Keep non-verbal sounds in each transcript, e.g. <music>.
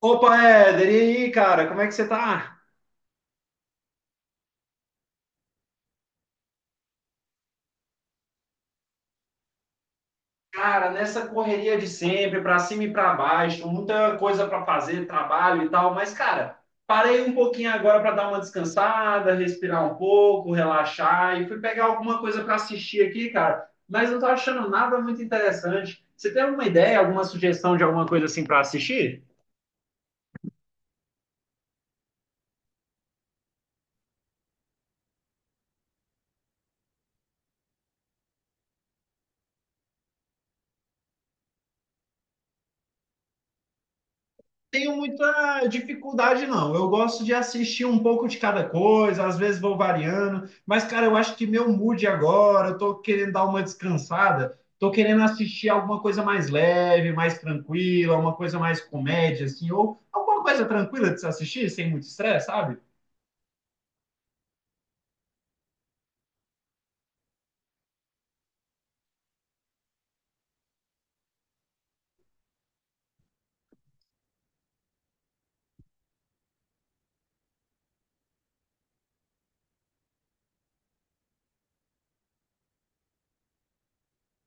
Opa, Éder, e aí, cara, como é que você tá? Cara, nessa correria de sempre, pra cima e pra baixo, muita coisa pra fazer, trabalho e tal, mas, cara, parei um pouquinho agora pra dar uma descansada, respirar um pouco, relaxar e fui pegar alguma coisa pra assistir aqui, cara, mas não tô achando nada muito interessante. Você tem alguma ideia, alguma sugestão de alguma coisa assim pra assistir? Tenho muita dificuldade, não. Eu gosto de assistir um pouco de cada coisa, às vezes vou variando, mas, cara, eu acho que meu mood agora, eu tô querendo dar uma descansada, tô querendo assistir alguma coisa mais leve, mais tranquila, uma coisa mais comédia, assim, ou alguma coisa tranquila de se assistir, sem muito estresse, sabe?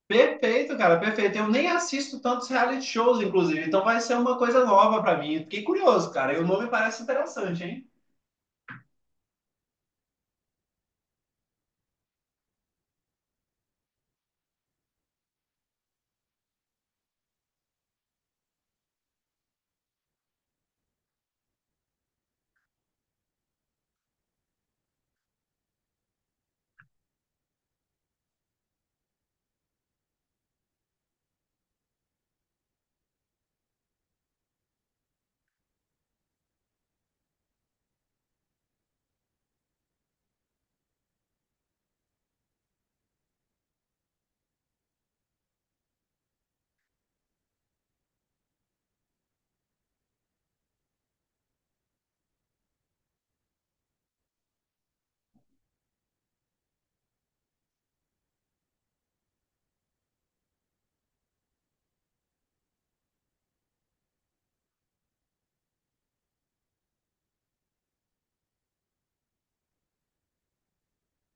Perfeito, cara, perfeito. Eu nem assisto tantos reality shows, inclusive, então vai ser uma coisa nova pra mim. Fiquei curioso, cara, e o nome parece interessante, hein?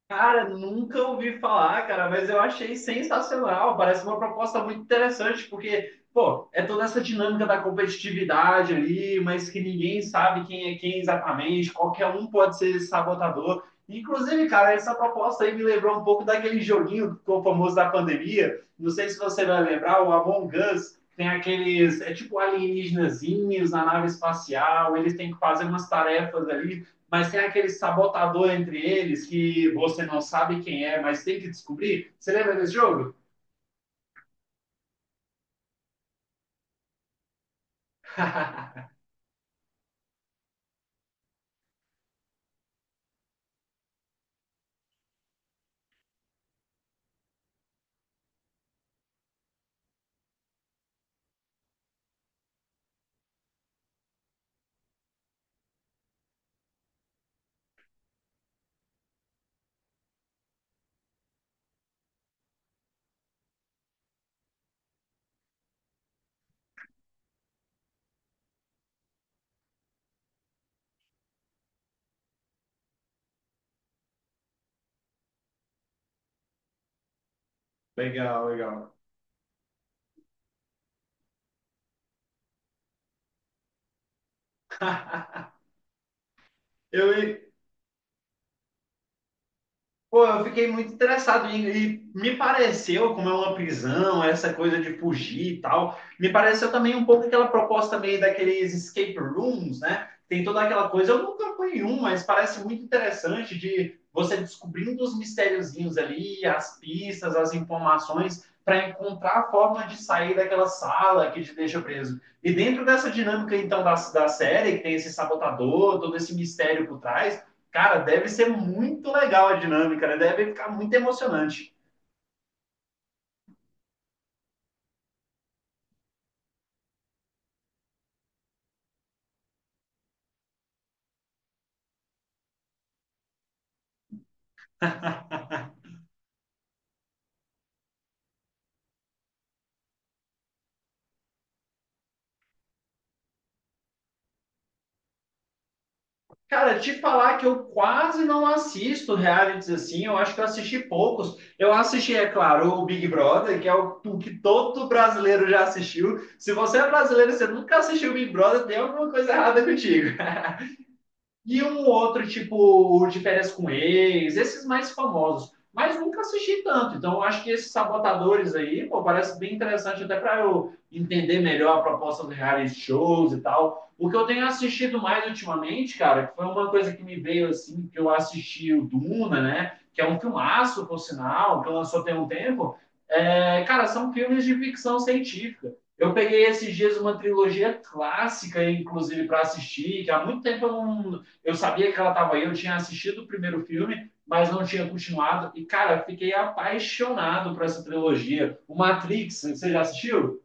Cara, nunca ouvi falar, cara, mas eu achei sensacional. Parece uma proposta muito interessante, porque, pô, é toda essa dinâmica da competitividade ali, mas que ninguém sabe quem é quem exatamente, qualquer um pode ser sabotador. Inclusive, cara, essa proposta aí me lembrou um pouco daquele joguinho que ficou famoso da pandemia. Não sei se você vai lembrar, o Among Us. Tem aqueles, é tipo alienígenazinhos na nave espacial, eles têm que fazer umas tarefas ali, mas tem aquele sabotador entre eles que você não sabe quem é, mas tem que descobrir. Você lembra desse jogo? <laughs> legal, legal. <laughs> eu, pô, eu fiquei muito interessado em, e me pareceu, como é uma prisão, essa coisa de fugir e tal, me pareceu também um pouco aquela proposta meio daqueles escape rooms, né? Tem toda aquela coisa, eu nunca fui em um, mas parece muito interessante de você descobrindo os mistériozinhos ali, as pistas, as informações, para encontrar a forma de sair daquela sala que te deixa preso. E dentro dessa dinâmica, então, da série, que tem esse sabotador, todo esse mistério por trás, cara, deve ser muito legal a dinâmica, né? Deve ficar muito emocionante. Cara, te falar que eu quase não assisto realities assim, eu acho que eu assisti poucos. Eu assisti, é claro, o Big Brother, que é o que todo brasileiro já assistiu. Se você é brasileiro e você nunca assistiu o Big Brother, tem alguma coisa errada contigo. E um outro, tipo, o de férias com ex, esses mais famosos. Mas nunca assisti tanto. Então, eu acho que esses sabotadores aí, pô, parece bem interessante até para eu entender melhor a proposta dos reality shows e tal. O que eu tenho assistido mais ultimamente, cara, que foi uma coisa que me veio assim, que eu assisti o Duna, né? Que é um filmaço, por sinal, que lançou tem um tempo. É, cara, são filmes de ficção científica. Eu peguei esses dias uma trilogia clássica, inclusive, para assistir, que há muito tempo eu não, eu sabia que ela estava aí, eu tinha assistido o primeiro filme, mas não tinha continuado. E, cara, fiquei apaixonado por essa trilogia. O Matrix, você já assistiu?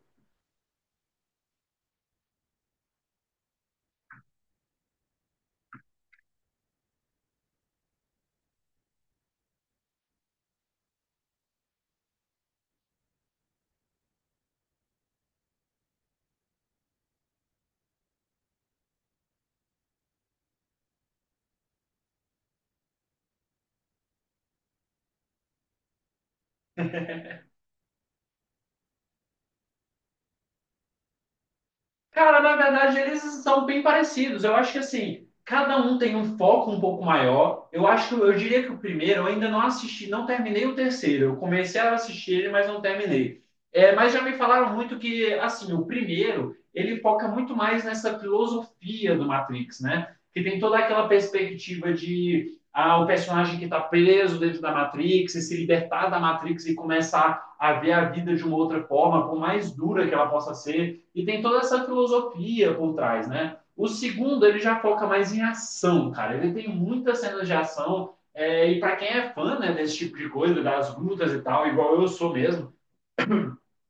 Cara, na verdade, eles são bem parecidos. Eu acho que assim, cada um tem um foco um pouco maior. Eu acho, eu diria que o primeiro eu ainda não assisti, não terminei o terceiro. Eu comecei a assistir ele, mas não terminei. É, mas já me falaram muito que assim, o primeiro, ele foca muito mais nessa filosofia do Matrix, né? Que tem toda aquela perspectiva de ah, o personagem que está preso dentro da Matrix e se libertar da Matrix e começar a ver a vida de uma outra forma, por mais dura que ela possa ser, e tem toda essa filosofia por trás, né? O segundo, ele já foca mais em ação, cara. Ele tem muitas cenas de ação. É, e para quem é fã, né, desse tipo de coisa, das lutas e tal, igual eu sou mesmo,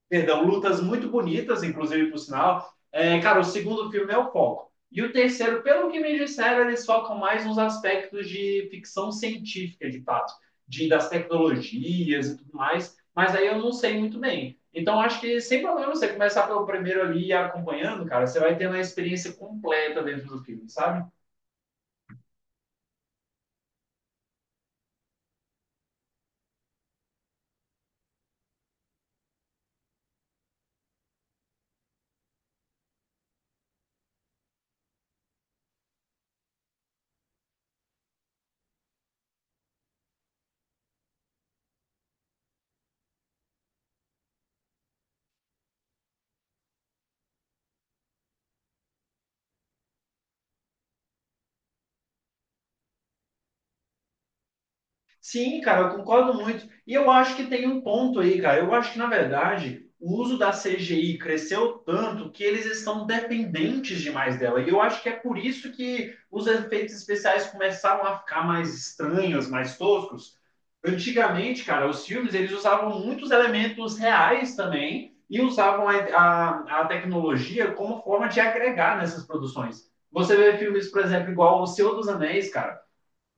perdão, lutas muito bonitas, inclusive, por sinal. É, cara, o segundo filme é o foco. E o terceiro, pelo que me disseram, eles focam mais nos aspectos de ficção científica, de fato, de, das tecnologias e tudo mais, mas aí eu não sei muito bem. Então, acho que sem problema você começar pelo primeiro ali e acompanhando, cara, você vai ter uma experiência completa dentro do filme, sabe? Sim, cara, eu concordo muito. E eu acho que tem um ponto aí, cara. Eu acho que, na verdade, o uso da CGI cresceu tanto que eles estão dependentes demais dela. E eu acho que é por isso que os efeitos especiais começaram a ficar mais estranhos, mais toscos. Antigamente, cara, os filmes, eles usavam muitos elementos reais também e usavam a tecnologia como forma de agregar nessas produções. Você vê filmes, por exemplo, igual O Senhor dos Anéis, cara.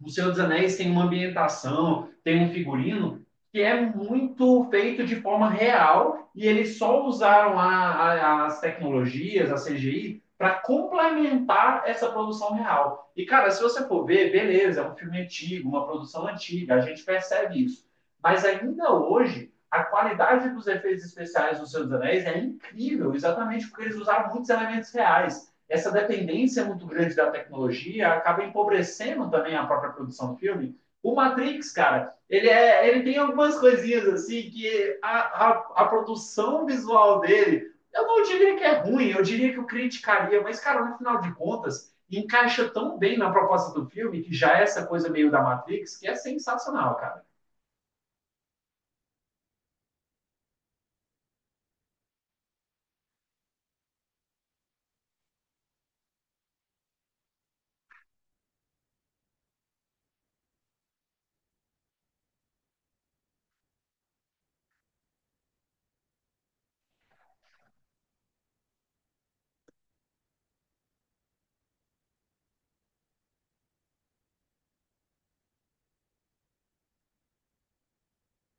O Senhor dos Anéis tem uma ambientação, tem um figurino que é muito feito de forma real e eles só usaram as tecnologias, a CGI, para complementar essa produção real. E, cara, se você for ver, beleza, é um filme antigo, uma produção antiga, a gente percebe isso. Mas ainda hoje, a qualidade dos efeitos especiais do Senhor dos Anéis é incrível, exatamente porque eles usaram muitos elementos reais. Essa dependência muito grande da tecnologia acaba empobrecendo também a própria produção do filme. O Matrix, cara, ele, é, ele tem algumas coisinhas assim que a, a produção visual dele, eu não diria que é ruim, eu diria que eu criticaria, mas, cara, no final de contas, encaixa tão bem na proposta do filme, que já é essa coisa meio da Matrix, que é sensacional, cara.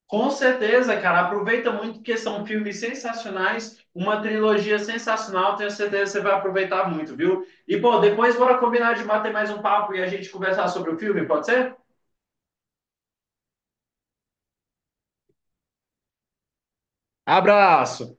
Com certeza, cara. Aproveita muito porque são filmes sensacionais, uma trilogia sensacional. Tenho certeza que você vai aproveitar muito, viu? E, pô, depois bora combinar de bater mais um papo e a gente conversar sobre o filme, pode ser? Abraço!